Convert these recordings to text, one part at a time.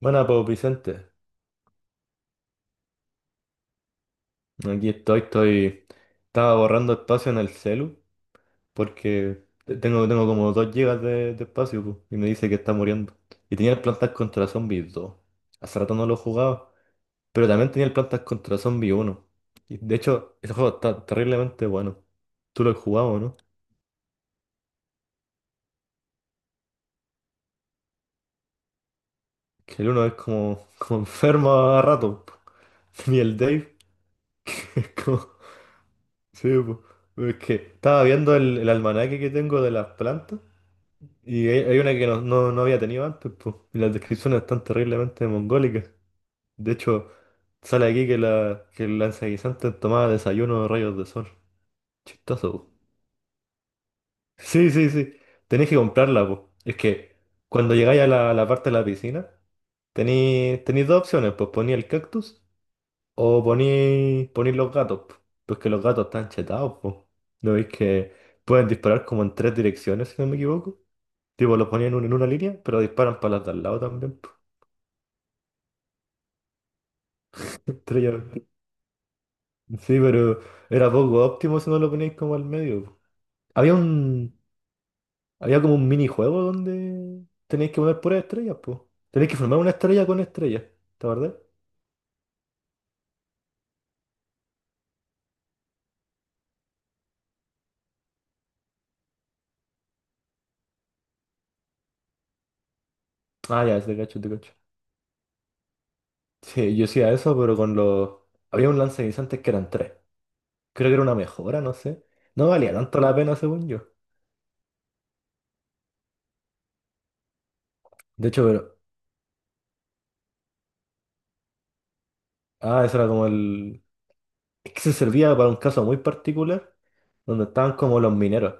Bueno, pues Vicente, aquí estaba borrando espacio en el celu porque tengo como 2 gigas de espacio pu, y me dice que está muriendo. Y tenía el Plantas contra Zombies dos. Hace rato no lo jugaba, pero también tenía el Plantas contra Zombies uno. Y de hecho, ese juego está terriblemente bueno. Tú lo has jugado, ¿no? Que el uno es como, como enfermo a rato. Pu. Y el Dave, que es como... Sí, pu. Es que estaba viendo el almanaque que tengo de las plantas. Y hay una que no había tenido antes, pues. Y las descripciones están terriblemente mongólicas. De hecho, sale aquí que que el lanzaguisante tomaba desayuno de rayos de sol. Chistoso, po. Sí, sí, sí. Tenés que comprarla, pues. Es que cuando llegáis a la parte de la piscina, tenéis dos opciones, pues poní el cactus o poní los gatos, po. Pues que los gatos están chetados, pues. ¿No veis que pueden disparar como en tres direcciones, si no me equivoco? Tipo, los ponían en una línea, pero disparan para las de al lado también. Po. Estrella. Sí, pero era poco óptimo si no lo ponéis como al medio. Po. Había un, había como un minijuego donde tenéis que poner puras estrellas, pues. Tenéis que formar una estrella con estrellas, ¿te acordás? Ah, ya, te cacho, te cacho. Sí, yo hacía eso, pero con los... Había un lanzaguisantes que eran tres. Creo que era una mejora, no sé. No valía tanto la pena, según yo. De hecho, pero... Ah, eso era como el... Es que se servía para un caso muy particular, donde estaban como los mineros.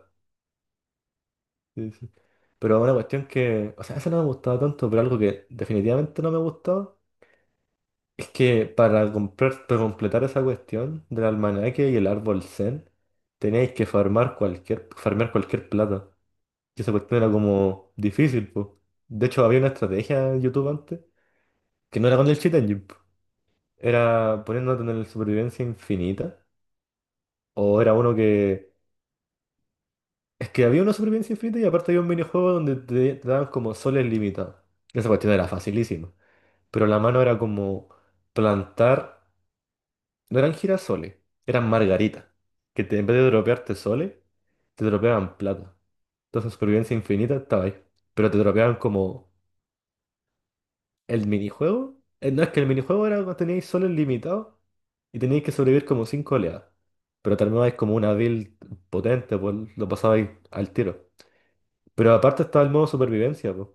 Sí, sí. Pero una cuestión que, o sea, eso no me ha gustado tanto, pero algo que definitivamente no me ha gustado es que para comprar, para completar esa cuestión del almanaque y el árbol Zen, teníais que farmar cualquier, farmear cualquier plata. Y esa cuestión era como difícil, pues. De hecho, había una estrategia en YouTube antes que no era con el cheat engine, po. Era poniéndote en el supervivencia infinita. O era uno que. Es que había una supervivencia infinita y aparte había un minijuego donde te daban como soles limitados. Y esa cuestión era facilísima, pero la mano era como plantar, no eran girasoles, eran margaritas, que en vez de dropearte soles, te dropeaban plata. Entonces supervivencia infinita estaba ahí, pero te dropeaban como el minijuego. No, es que el minijuego era cuando teníais soles limitados y teníais que sobrevivir como cinco oleadas, pero terminabais como una build potente, pues lo pasabais al tiro. Pero aparte estaba el modo supervivencia, pues,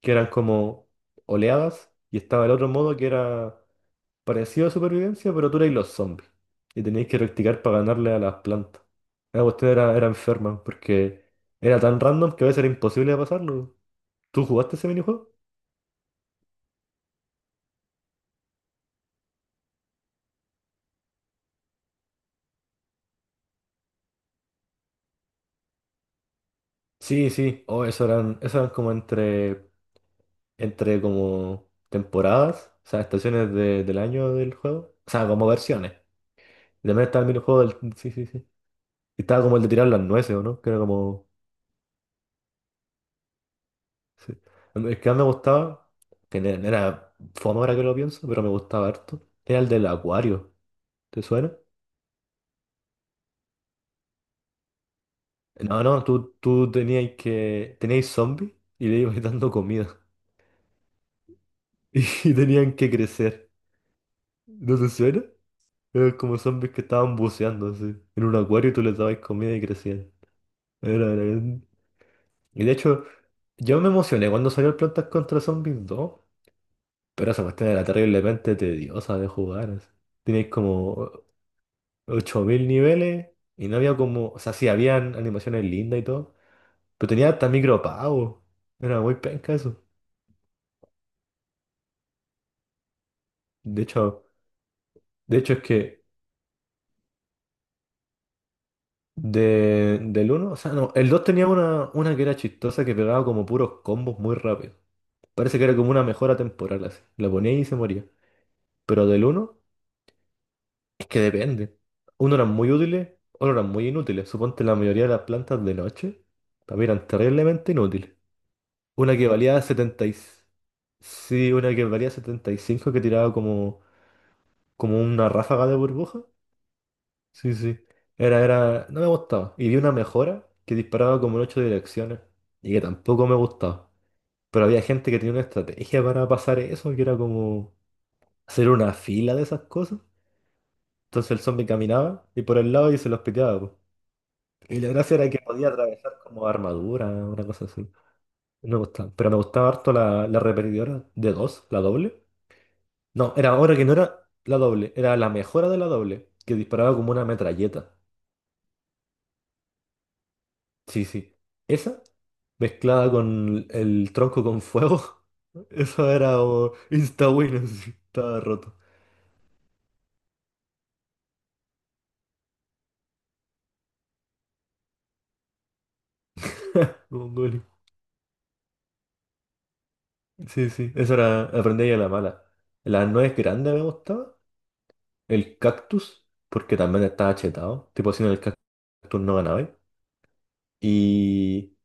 que eran como oleadas y estaba el otro modo que era parecido a supervivencia, pero tú erais los zombies. Y teníais que practicar para ganarle a las plantas. La cuestión era enferma, porque era tan random que a veces era imposible de pasarlo. ¿Tú jugaste ese minijuego? Sí, sí. Oh, eso eran como entre, entre como temporadas, o sea, estaciones del año del juego. O sea, como versiones. Y también estaba el minijuego del... Sí, sí, sí. Y estaba como el de tirar las nueces, ¿o no? Que era como... Sí. El que más me gustaba, que era fome ahora que lo pienso, pero me gustaba harto, era el del acuario. ¿Te suena? No, no, tú teníais que. Teníais zombies y le ibas dando comida. Y tenían que crecer. ¿No te suena? Eran como zombies que estaban buceando así. En un acuario y tú les dabas comida y crecían. Era- era bien- Y de hecho, yo me emocioné cuando salió el Plantas contra Zombies dos. Pero esa cuestión era terriblemente tediosa de jugar. Así. Tenías como 8.000 niveles y no había como, o sea, sí, habían animaciones lindas y todo, pero tenía hasta micropagos. Era muy penca eso. De hecho, de hecho, es que de, del uno, o sea, no, el 2 tenía una que era chistosa que pegaba como puros combos muy rápido. Parece que era como una mejora temporal así. La ponía y se moría. Pero del uno es que depende. Uno eran muy útiles, otros eran muy inútiles. Suponte la mayoría de las plantas de noche también eran terriblemente inútiles. Una que valía 70 y... Sí, una que valía 75 que tiraba como, como una ráfaga de burbuja. Sí, sí. Era... No me gustaba. Y vi una mejora que disparaba como en ocho direcciones. Y que tampoco me gustaba. Pero había gente que tenía una estrategia para pasar eso, que era como hacer una fila de esas cosas. Entonces el zombie caminaba y por el lado y se los piteaba, po. Y la gracia era que podía atravesar como armadura, una cosa así. No me gustaba. Pero me gustaba harto la repetidora de dos, la doble. No, era ahora que no era la doble, era la mejora de la doble, que disparaba como una metralleta. Sí, sí. Esa, mezclada con el tronco con fuego, eso era como insta-win, así, estaba roto. Mongolia. Sí, sí, eso era, aprendí a la mala. La nuez grande me gustaba, el cactus, porque también estaba chetado, tipo si no el cactus no ganaba. Y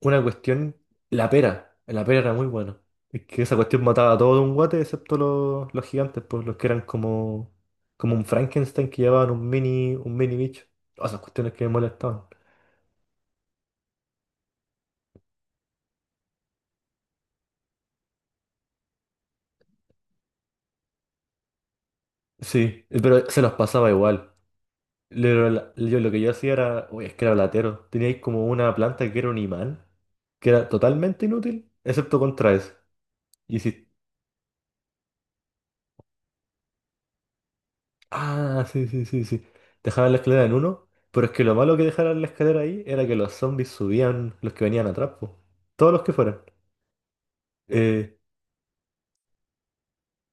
una cuestión, la pera era muy buena. Es que esa cuestión mataba a todo de un guate, excepto los gigantes, pues los que eran como, como un Frankenstein que llevaban un mini bicho. Todas esas cuestiones que me molestaban. Sí, pero se los pasaba igual. Yo lo que yo hacía era, uy, es que era latero. Teníais como una planta que era un imán, que era totalmente inútil, excepto contra eso. Y si... Ah, sí, sí, sí, sí. Dejaban la escalera en uno, pero es que lo malo que dejaran la escalera ahí era que los zombies subían los que venían atrás, po. Todos los que fueran. Eh,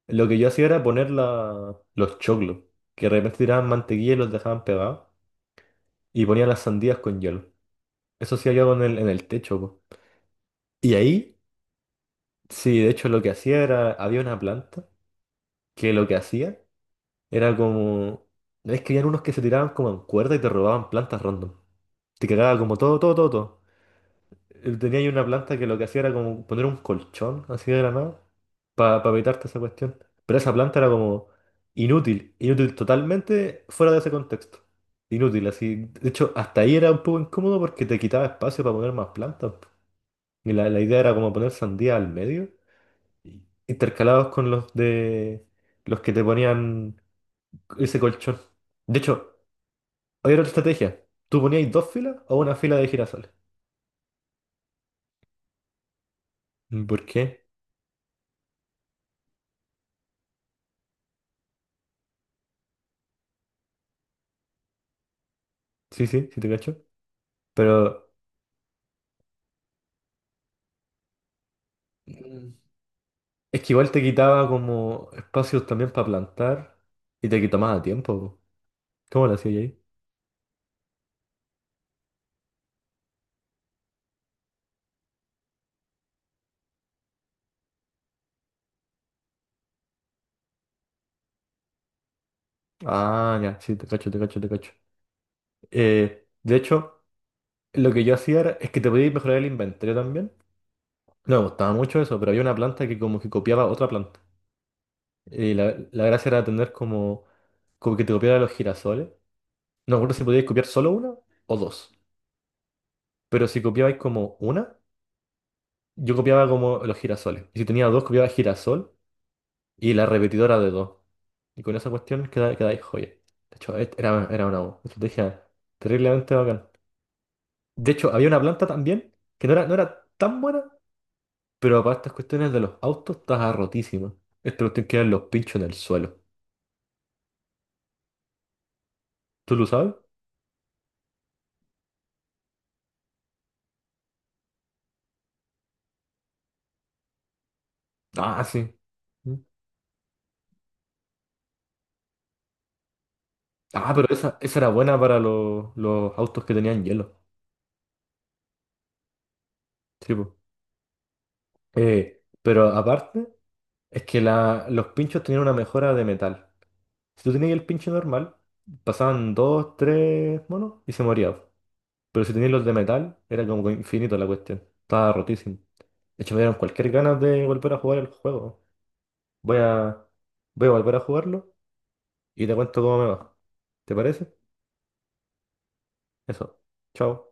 lo que yo hacía era poner los choclos, que de repente tiraban mantequilla y los dejaban pegados, y ponía las sandías con hielo. Eso hacía yo en el techo, po. Y ahí, sí, de hecho lo que hacía era, había una planta que lo que hacía era como... Es que habían unos que se tiraban como en cuerda y te robaban plantas random. Te cagaba como todo, todo, todo, todo. Tenía ahí una planta que lo que hacía era como poner un colchón así de la nada para evitarte esa cuestión. Pero esa planta era como inútil, inútil totalmente fuera de ese contexto. Inútil, así. De hecho, hasta ahí era un poco incómodo porque te quitaba espacio para poner más plantas. Y la idea era como poner sandía al medio, intercalados con los de los que te ponían ese colchón. De hecho, había otra estrategia. Tú ponías dos filas o una fila de girasoles. ¿Por qué? Sí, sí, sí te cacho. Pero... Mm. Es que igual te quitaba como espacios también para plantar y te quitaba tiempo. Po. ¿Cómo lo hacías ahí? Ah, ya, sí, te cacho, te cacho, te cacho. De hecho, lo que yo hacía era, es que te podías mejorar el inventario también. No me gustaba mucho eso, pero había una planta que como que copiaba otra planta. Y la gracia era tener como, como que te copiara los girasoles. No me acuerdo si podías copiar solo una o dos. Pero si copiabais como una, yo copiaba como los girasoles. Y si tenía dos, copiaba girasol y la repetidora de dos. Y con esa cuestión quedáis joya. De hecho, era una estrategia terriblemente bacán. De hecho, había una planta también que no era tan buena, pero para estas cuestiones de los autos estaba rotísima. Esta cuestión que eran los pinchos en el suelo. ¿Tú lo sabes? Ah, sí. Mm. Ah, pero esa era buena para los autos que tenían hielo. Sí, po. Pero aparte, es que la, los pinchos tenían una mejora de metal. Si tú tenías el pincho normal, pasaban dos, tres monos y se moría. Pero si tenías los de metal, era como infinito la cuestión. Estaba rotísimo. De hecho, me dieron cualquier ganas de volver a jugar el juego. Voy a, voy a volver a jugarlo y te cuento cómo me va. ¿Te parece? Eso. Chao.